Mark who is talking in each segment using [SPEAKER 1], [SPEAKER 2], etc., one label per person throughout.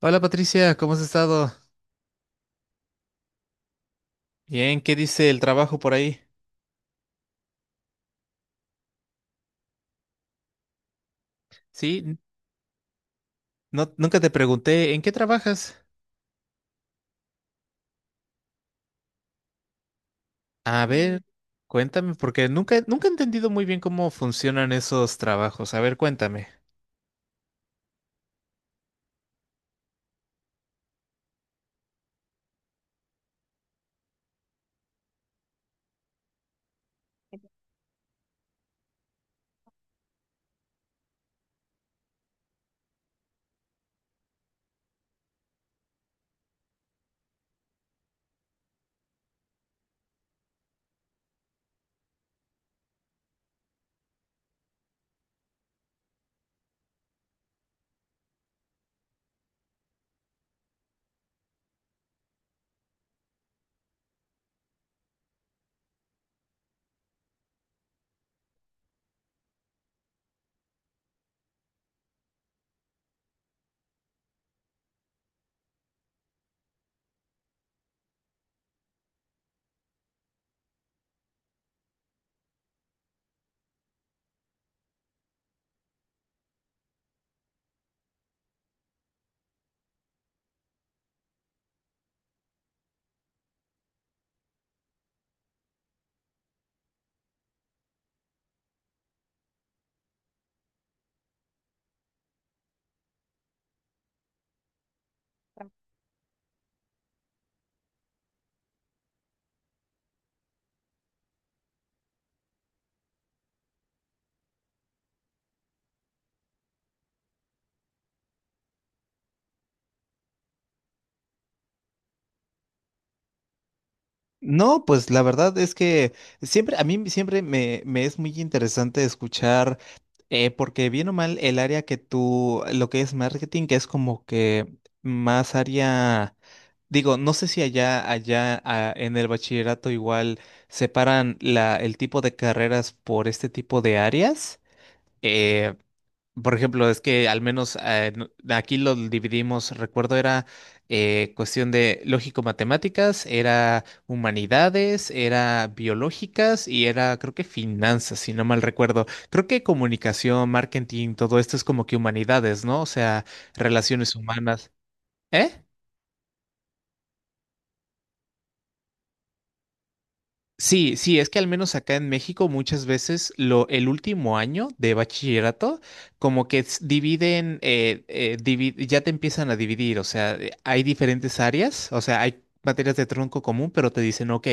[SPEAKER 1] Hola Patricia, ¿cómo has estado? Bien, ¿qué dice el trabajo por ahí? Sí, no, nunca te pregunté, ¿en qué trabajas? A ver, cuéntame, porque nunca he entendido muy bien cómo funcionan esos trabajos. A ver, cuéntame. No, pues la verdad es que siempre, a mí siempre me es muy interesante escuchar, porque bien o mal el área que tú, lo que es marketing, que es como que más área. Digo, no sé si allá, en el bachillerato igual separan la, el tipo de carreras por este tipo de áreas. Eh, por ejemplo, es que al menos aquí lo dividimos, recuerdo, era cuestión de lógico-matemáticas, era humanidades, era biológicas y era, creo que finanzas, si no mal recuerdo. Creo que comunicación, marketing, todo esto es como que humanidades, ¿no? O sea, relaciones humanas. ¿Eh? Sí, sí, es que al menos acá en México muchas veces lo, el último año de bachillerato como que dividen, ya te empiezan a dividir, o sea, hay diferentes áreas, o sea, hay materias de tronco común, pero te dicen, ok,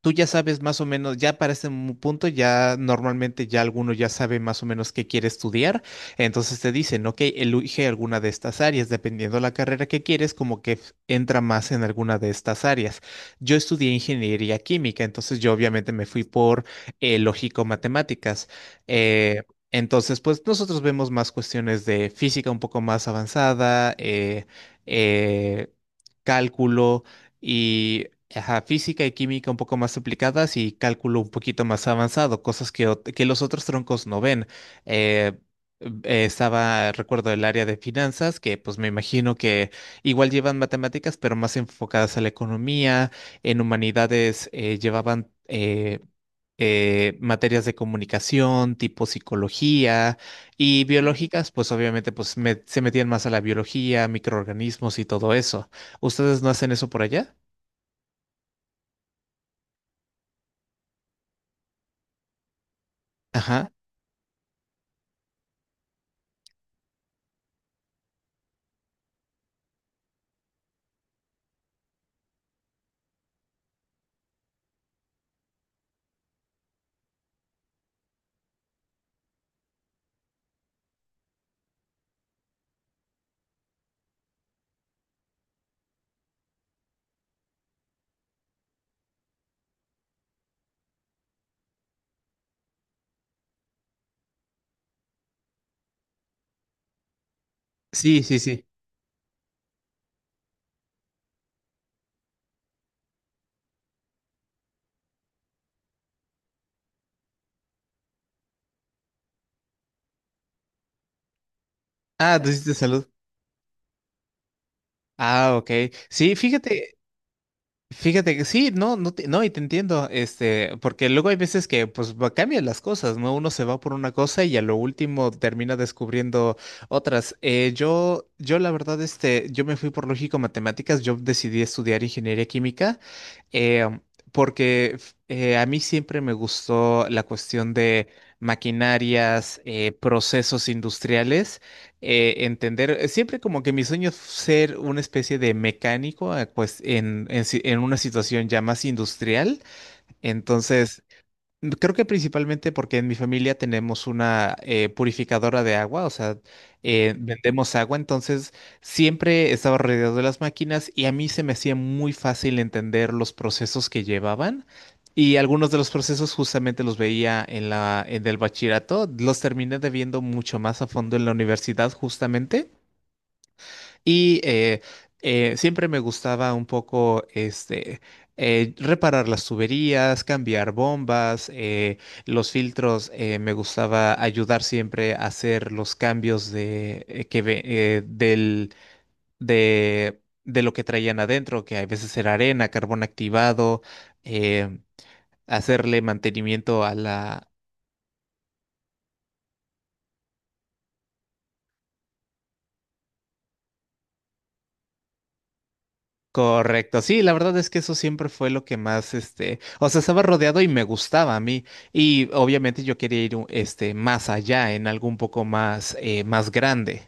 [SPEAKER 1] tú ya sabes más o menos, ya para este punto, ya normalmente ya alguno ya sabe más o menos qué quiere estudiar. Entonces te dicen, ok, elige alguna de estas áreas, dependiendo la carrera que quieres, como que entra más en alguna de estas áreas. Yo estudié ingeniería química, entonces yo obviamente me fui por lógico-matemáticas. Eh, entonces, pues nosotros vemos más cuestiones de física un poco más avanzada, eh, cálculo. Y ajá, física y química un poco más aplicadas y cálculo un poquito más avanzado, cosas que, que los otros troncos no ven. Eh, estaba, recuerdo, el área de finanzas, que pues me imagino que igual llevan matemáticas, pero más enfocadas a la economía. En humanidades llevaban... materias de comunicación, tipo psicología y biológicas, pues obviamente pues se metían más a la biología, microorganismos y todo eso. ¿Ustedes no hacen eso por allá? Ajá. Sí, sí, sí. Ah, tú hiciste salud. Ah, ok. Sí, fíjate, fíjate que sí, no, no, no, y te entiendo, este, porque luego hay veces que pues cambian las cosas, ¿no? Uno se va por una cosa y a lo último termina descubriendo otras. Yo, la verdad, este, yo me fui por lógico matemáticas, yo decidí estudiar ingeniería química, eh, porque a mí siempre me gustó la cuestión de maquinarias, procesos industriales. Entender, siempre como que mi sueño es ser una especie de mecánico, pues en, en una situación ya más industrial. Entonces, mm, creo que principalmente porque en mi familia tenemos una purificadora de agua, o sea, vendemos agua, entonces siempre estaba rodeado de las máquinas y a mí se me hacía muy fácil entender los procesos que llevaban y algunos de los procesos justamente los veía en la, en el bachillerato, los terminé de viendo mucho más a fondo en la universidad justamente. Y siempre me gustaba un poco este reparar las tuberías, cambiar bombas, los filtros. Me gustaba ayudar siempre a hacer los cambios de del de lo que traían adentro, que a veces era arena, carbón activado, eh, hacerle mantenimiento. Correcto, sí, la verdad es que eso siempre fue lo que más, este, o sea, estaba rodeado y me gustaba a mí. Y obviamente yo quería ir, este, más allá, en algo un poco más, más grande.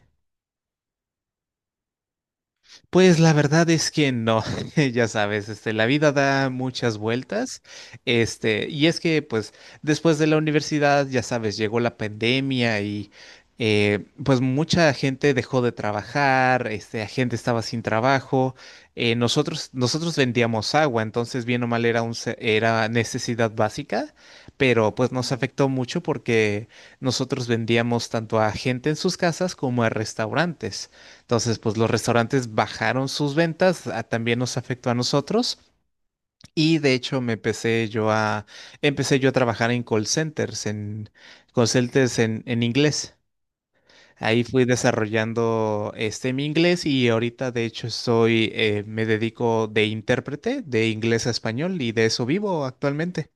[SPEAKER 1] Pues la verdad es que no, ya sabes, este, la vida da muchas vueltas, este, y es que pues después de la universidad, ya sabes, llegó la pandemia y pues mucha gente dejó de trabajar, este, la gente estaba sin trabajo, nosotros vendíamos agua, entonces bien o mal era un, era necesidad básica, pero pues nos afectó mucho porque nosotros vendíamos tanto a gente en sus casas como a restaurantes. Entonces, pues los restaurantes bajaron sus ventas, también nos afectó a nosotros y de hecho me empecé yo a trabajar en call centers, en call centers en inglés. Ahí fui desarrollando este mi inglés y ahorita de hecho soy me dedico de intérprete de inglés a español y de eso vivo actualmente.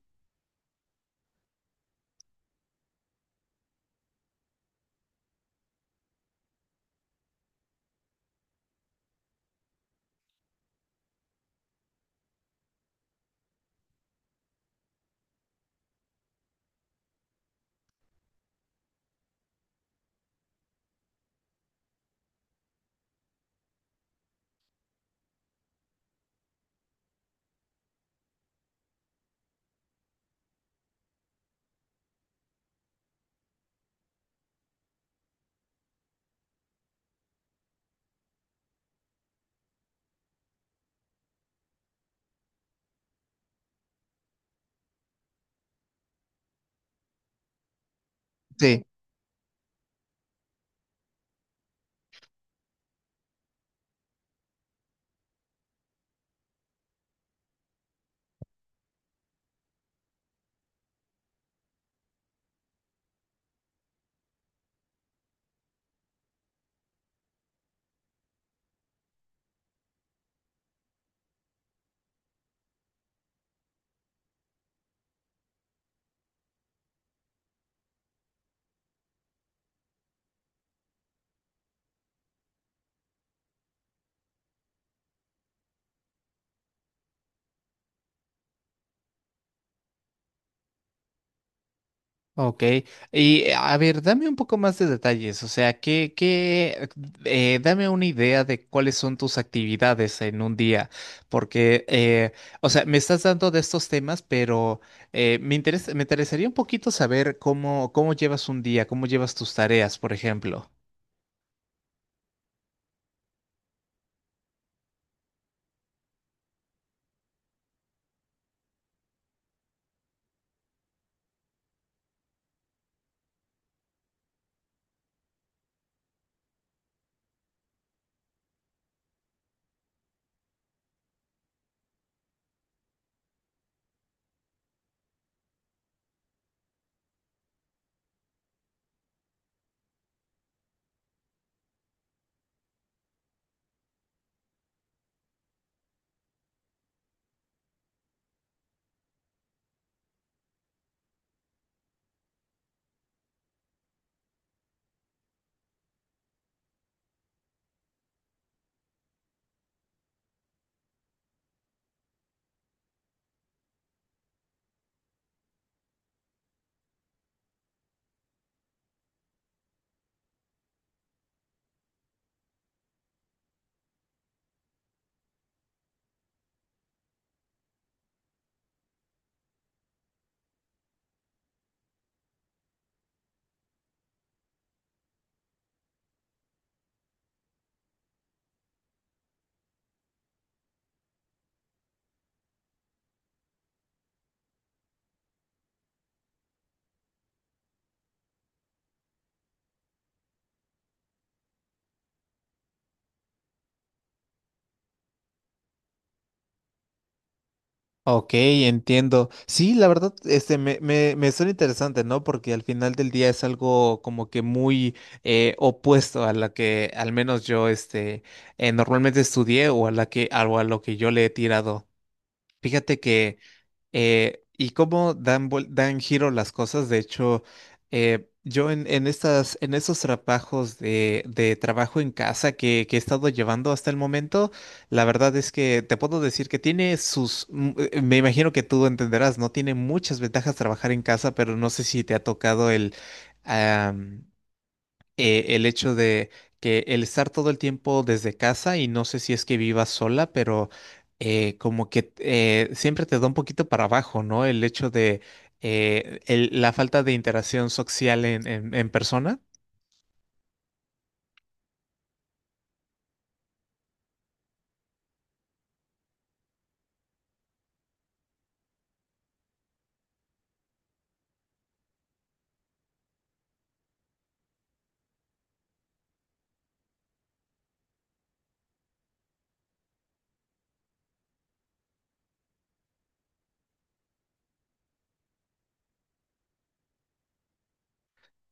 [SPEAKER 1] Ok, y a ver, dame un poco más de detalles, o sea, dame una idea de cuáles son tus actividades en un día, porque, o sea, me estás dando de estos temas, pero me interesa, me interesaría un poquito saber cómo, cómo llevas un día, cómo llevas tus tareas, por ejemplo. Ok, entiendo. Sí, la verdad, este, me suena interesante, ¿no? Porque al final del día es algo como que muy opuesto a la que al menos yo, este, normalmente estudié o a la que, o a lo que yo le he tirado. Fíjate que y cómo dan, dan giro las cosas. De hecho, yo en estas, en esos trabajos de trabajo en casa que he estado llevando hasta el momento, la verdad es que te puedo decir que tiene sus, mm, me imagino que tú entenderás, ¿no? Tiene muchas ventajas trabajar en casa, pero no sé si te ha tocado el hecho de que el estar todo el tiempo desde casa y no sé si es que vivas sola, pero como que siempre te da un poquito para abajo, ¿no? El hecho de la falta de interacción social en persona.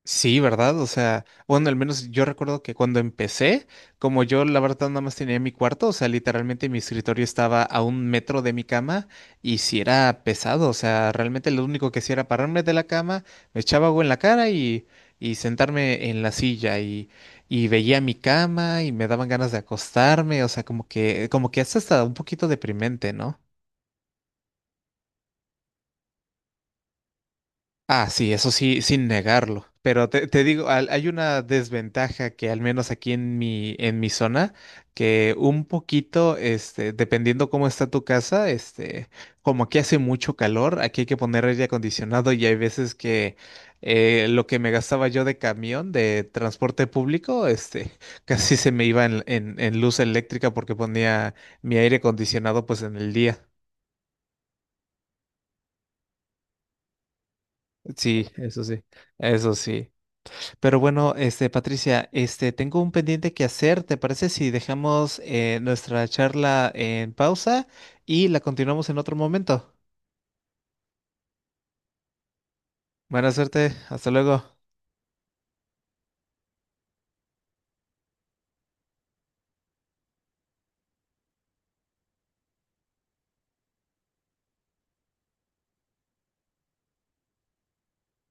[SPEAKER 1] Sí, ¿verdad? O sea, bueno, al menos yo recuerdo que cuando empecé, como yo la verdad nada más tenía mi cuarto, o sea, literalmente mi escritorio estaba a un metro de mi cama y si era pesado, o sea, realmente lo único que hacía era pararme de la cama, me echaba agua en la cara y sentarme en la silla y veía mi cama y me daban ganas de acostarme, o sea, como que es hasta un poquito deprimente, ¿no? Ah, sí, eso sí, sin negarlo. Pero te digo, hay una desventaja que al menos aquí en mi zona, que un poquito, este, dependiendo cómo está tu casa, este, como aquí hace mucho calor, aquí hay que poner aire acondicionado y hay veces que lo que me gastaba yo de camión, de transporte público, este, casi se me iba en, en luz eléctrica porque ponía mi aire acondicionado pues en el día. Sí, eso sí, eso sí. Pero bueno, este, Patricia, este, tengo un pendiente que hacer. ¿Te parece si dejamos nuestra charla en pausa y la continuamos en otro momento? Buena suerte, hasta luego.